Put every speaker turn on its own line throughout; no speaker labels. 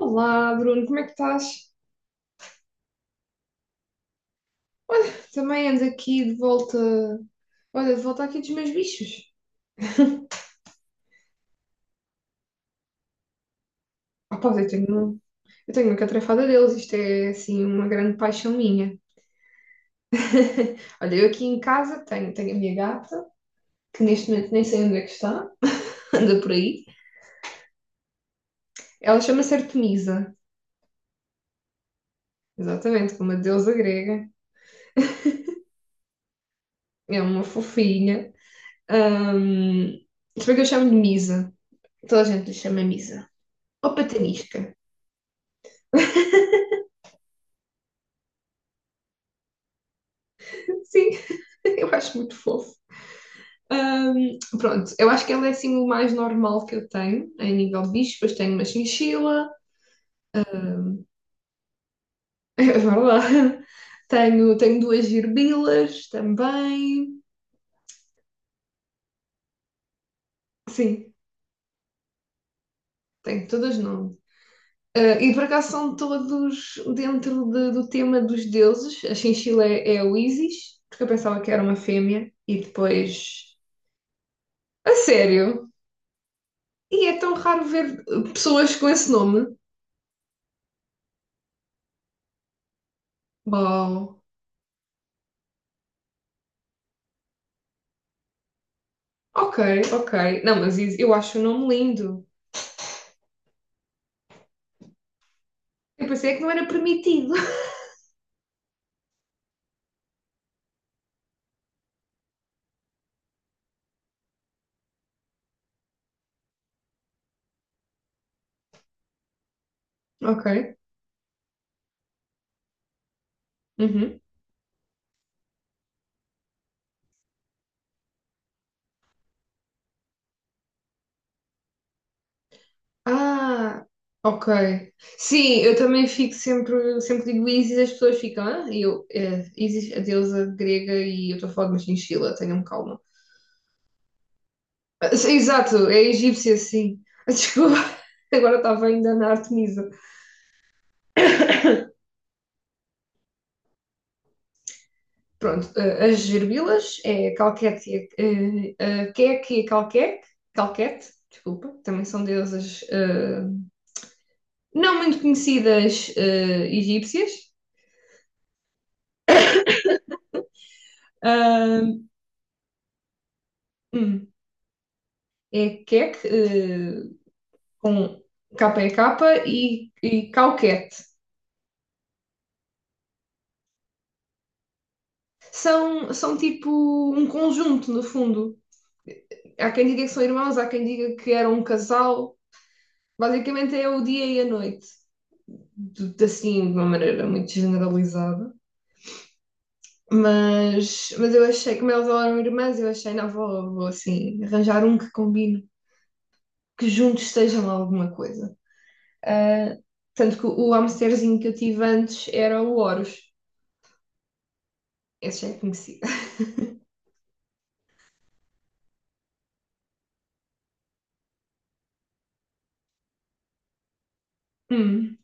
Olá, Bruno, como é que estás? Também ando aqui de volta. Olha, de volta aqui dos meus bichos. Ah, pá, eu tenho uma catrefada deles, isto é assim uma grande paixão minha. Olha, eu aqui em casa tenho a minha gata, que neste momento nem sei onde é que está, anda por aí. Ela chama-se Artemisa, exatamente, como a deusa grega. É uma fofinha. Ahm, Se bem que eu chamo-lhe Misa. Toda a gente lhe chama Misa. Ou Patanisca. Sim, eu acho muito fofo. Pronto, eu acho que ele é assim o mais normal que eu tenho em nível de bichos, depois tenho uma chinchila. É verdade. Tenho duas gerbilas também. Sim, tenho todas não. Ah, e por acaso são todos dentro do tema dos deuses. A chinchila é o Isis, porque eu pensava que era uma fêmea, e depois. A sério? E é tão raro ver pessoas com esse nome. Bom, ok, ok. Não, mas Isis, eu acho o nome lindo. Eu pensei é que não era permitido. Ok. Uhum. Ah, ok. Sim, eu também fico sempre digo Isis, as pessoas ficam, e eu, é, Isis, a deusa grega, e eu estou a falar de uma chinchila, tenham calma. Ah, sim, exato, é egípcia, sim. Ah, desculpa, agora estava ainda na Artemisa. Pronto, as gerbilas é Calquete, e Keke e a Calquete, Calquete, desculpa, também são deusas não muito conhecidas egípcias. Ah, hum, É queque, com KPK e cauquete. São tipo um conjunto, no fundo. Há quem diga que são irmãos, há quem diga que eram um casal. Basicamente é o dia e a noite, assim, de uma maneira muito generalizada. Mas eu achei, como elas eram irmãs, eu achei, não, vou assim, arranjar um que combine, que juntos estejam alguma coisa. Ah, tanto que o hamsterzinho que eu tive antes era o Horus. Esse já é conhecido. Hum,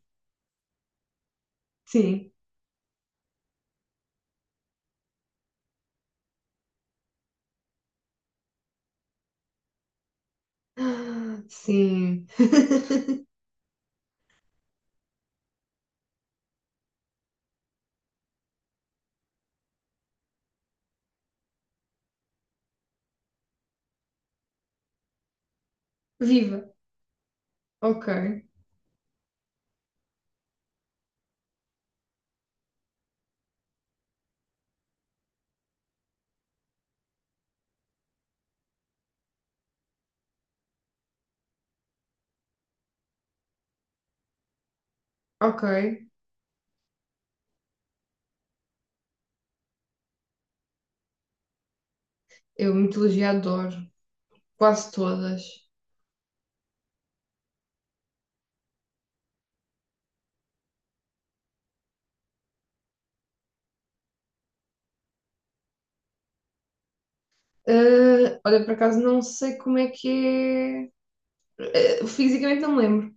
sim. Ah, sim. Viva. Ok, ok. Eu mitologia adoro. Quase todas. Ah, olha, por acaso não sei como é que é. Ah, fisicamente não me lembro.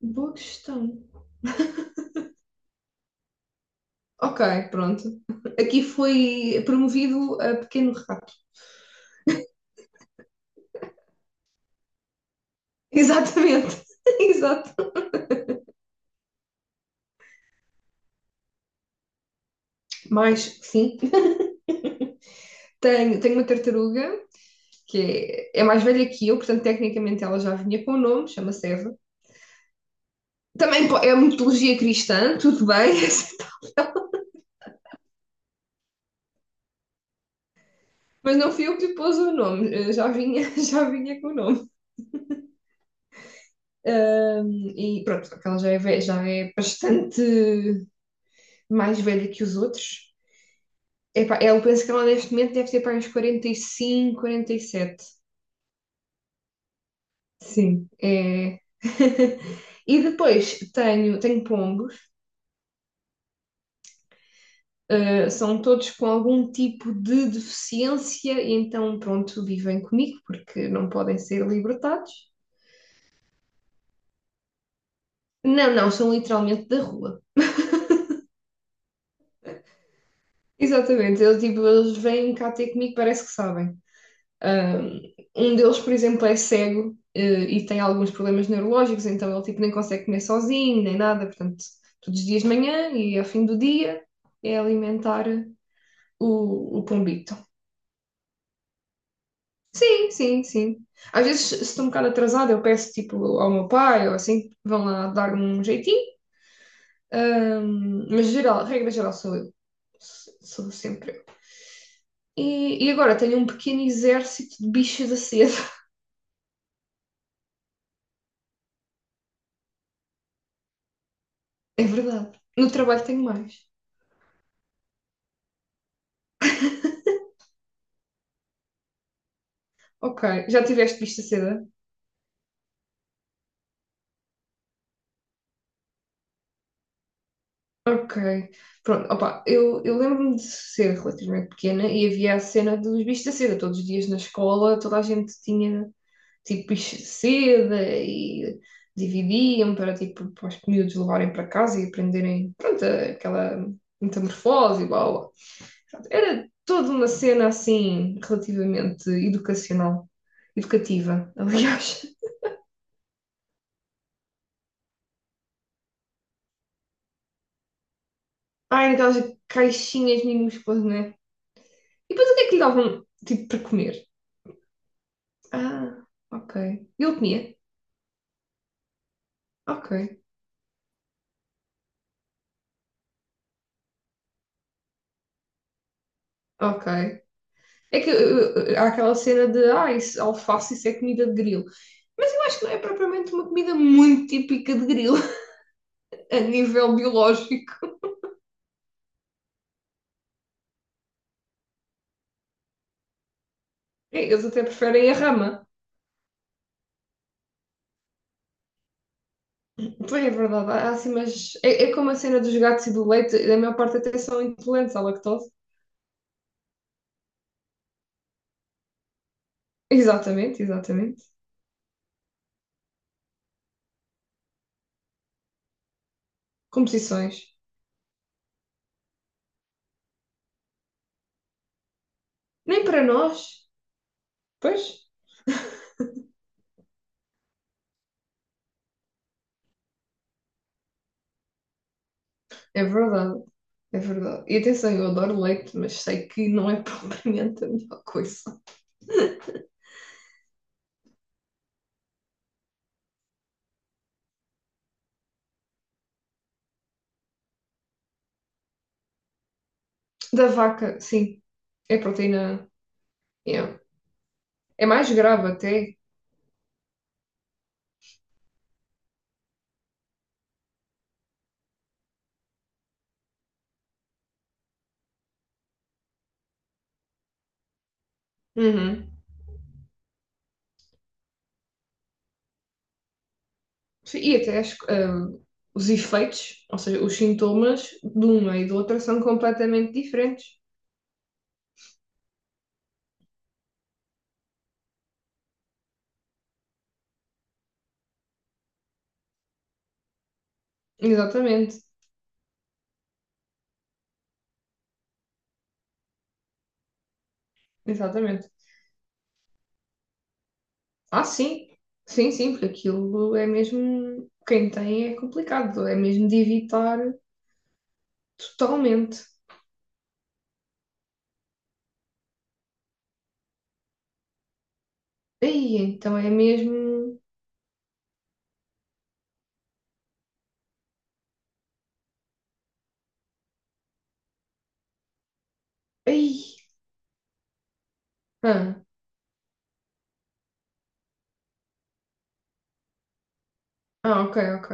Boa questão. Ok, pronto. Aqui foi promovido a pequeno rato. Exatamente. Exato. Mais, sim. Tenho uma tartaruga que é mais velha que eu, portanto, tecnicamente ela já vinha com o nome, chama-se Eva. Também é uma mitologia cristã, tudo bem, mas não fui eu que lhe pôs o nome, já vinha, já vinha com o nome. E pronto, só ela já é bastante mais velha que os outros. Epá, eu penso que ela neste momento deve ter para uns 45, 47. Sim, é. E depois tenho pombos. São todos com algum tipo de deficiência, e então, pronto, vivem comigo porque não podem ser libertados. Não, não, são literalmente da rua. Exatamente, eles, tipo, eles vêm cá ter comigo, parece que sabem. Um deles, por exemplo, é cego, e tem alguns problemas neurológicos, então ele tipo nem consegue comer sozinho, nem nada, portanto, todos os dias de manhã e ao fim do dia é alimentar o pombito. Sim, sim, sim. Às vezes, se estou um bocado atrasada, eu peço tipo ao meu pai ou assim, vão lá dar-me um jeitinho. Mas geral, regra geral sou eu. Sou sempre eu. E agora tenho um pequeno exército de bichos da seda. É verdade. No trabalho tenho mais. Ok, já tiveste bicho da seda? Ok. Pronto, opa, eu lembro-me de ser relativamente pequena e havia a cena dos bichos da seda. Todos os dias na escola, toda a gente tinha tipo bicho seda e dividiam para, tipo, para os miúdos levarem para casa e aprenderem, pronto, aquela metamorfose e blá blá. Era toda uma cena assim, relativamente educacional, educativa, aliás. Ai, aquelas caixinhas minúsculas, né? E depois o que é que lhe davam, tipo, para comer? Ah, ok. Ele comia? Ok, ok. É que há aquela cena de, isso, alface, isso é comida de grilo. Mas eu acho que não é propriamente uma comida muito típica de grilo, a nível biológico. É, eles até preferem a rama. Pois é verdade, há assim, mas é como a cena dos gatos e do leite, da maior parte até são intolerantes à lactose. Exatamente, exatamente. Composições. Nem para nós. Pois, é verdade, é verdade. E atenção, eu adoro leite, mas sei que não é propriamente a melhor coisa. Da vaca, sim. É proteína. Yeah. É mais grave até. Uhum. Sim, e até os efeitos, ou seja, os sintomas de uma e do outra são completamente diferentes. Exatamente, exatamente. Ah, sim, sim, sim, porque aquilo é mesmo. Quem tem é complicado, é mesmo de evitar totalmente. Aí, então é mesmo. Aí, ah, ok, ok.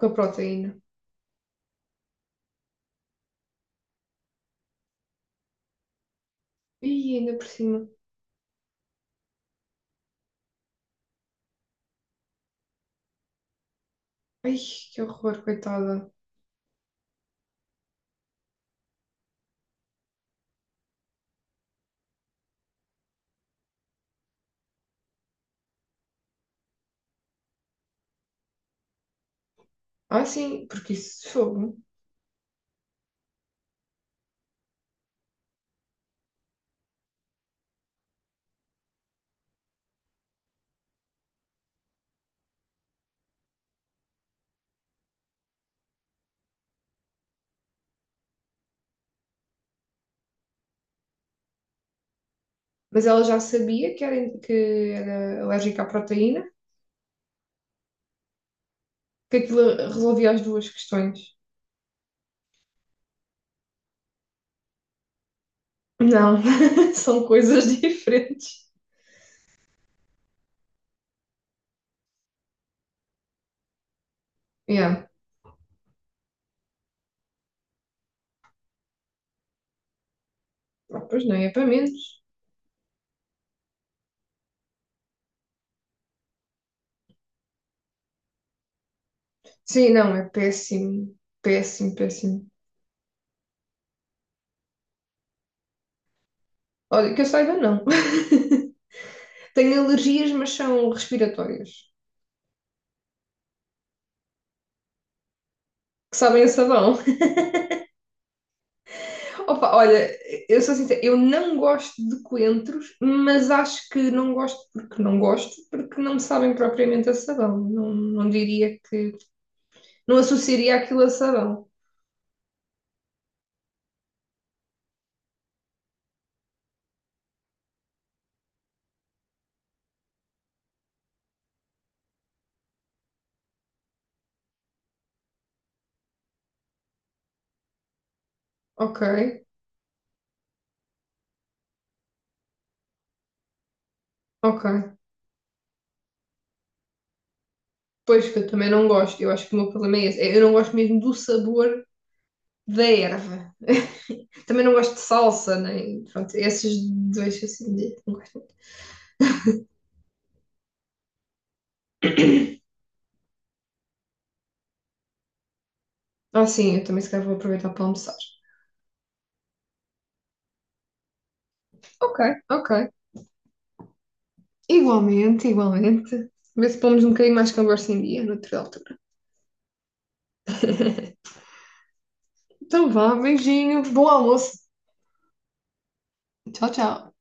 Com a proteína. Aí, ainda por cima. Ai, que horror, coitada. Ah, sim, porque isso é fogo. Mas ela já sabia que era, alérgica à proteína, que aquilo resolvia as duas questões. Não, são coisas diferentes. Yeah. Ah, pois não, é para menos. Sim, não, é péssimo, péssimo, péssimo. Olha, que eu saiba, não. Tenho alergias, mas são respiratórias. Que sabem a sabão. Opa, olha, eu sou sincera, eu não gosto de coentros, mas acho que não gosto porque não gosto, porque não me sabem propriamente a sabão. Não, não diria que. Não associaria aquilo a sabão. Ok, ok. Pois que eu também não gosto. Eu acho que o meu problema é esse. É, eu não gosto mesmo do sabor da erva. Também não gosto de salsa, nem. Pronto, esses dois assim, não gosto muito. Ah, sim, eu também se calhar vou aproveitar para almoçar. Ok, ok. Igualmente, igualmente. Vê se pomos um bocadinho mais conversa em dia, natural também. Então vá, beijinho, bom almoço. Tchau, tchau.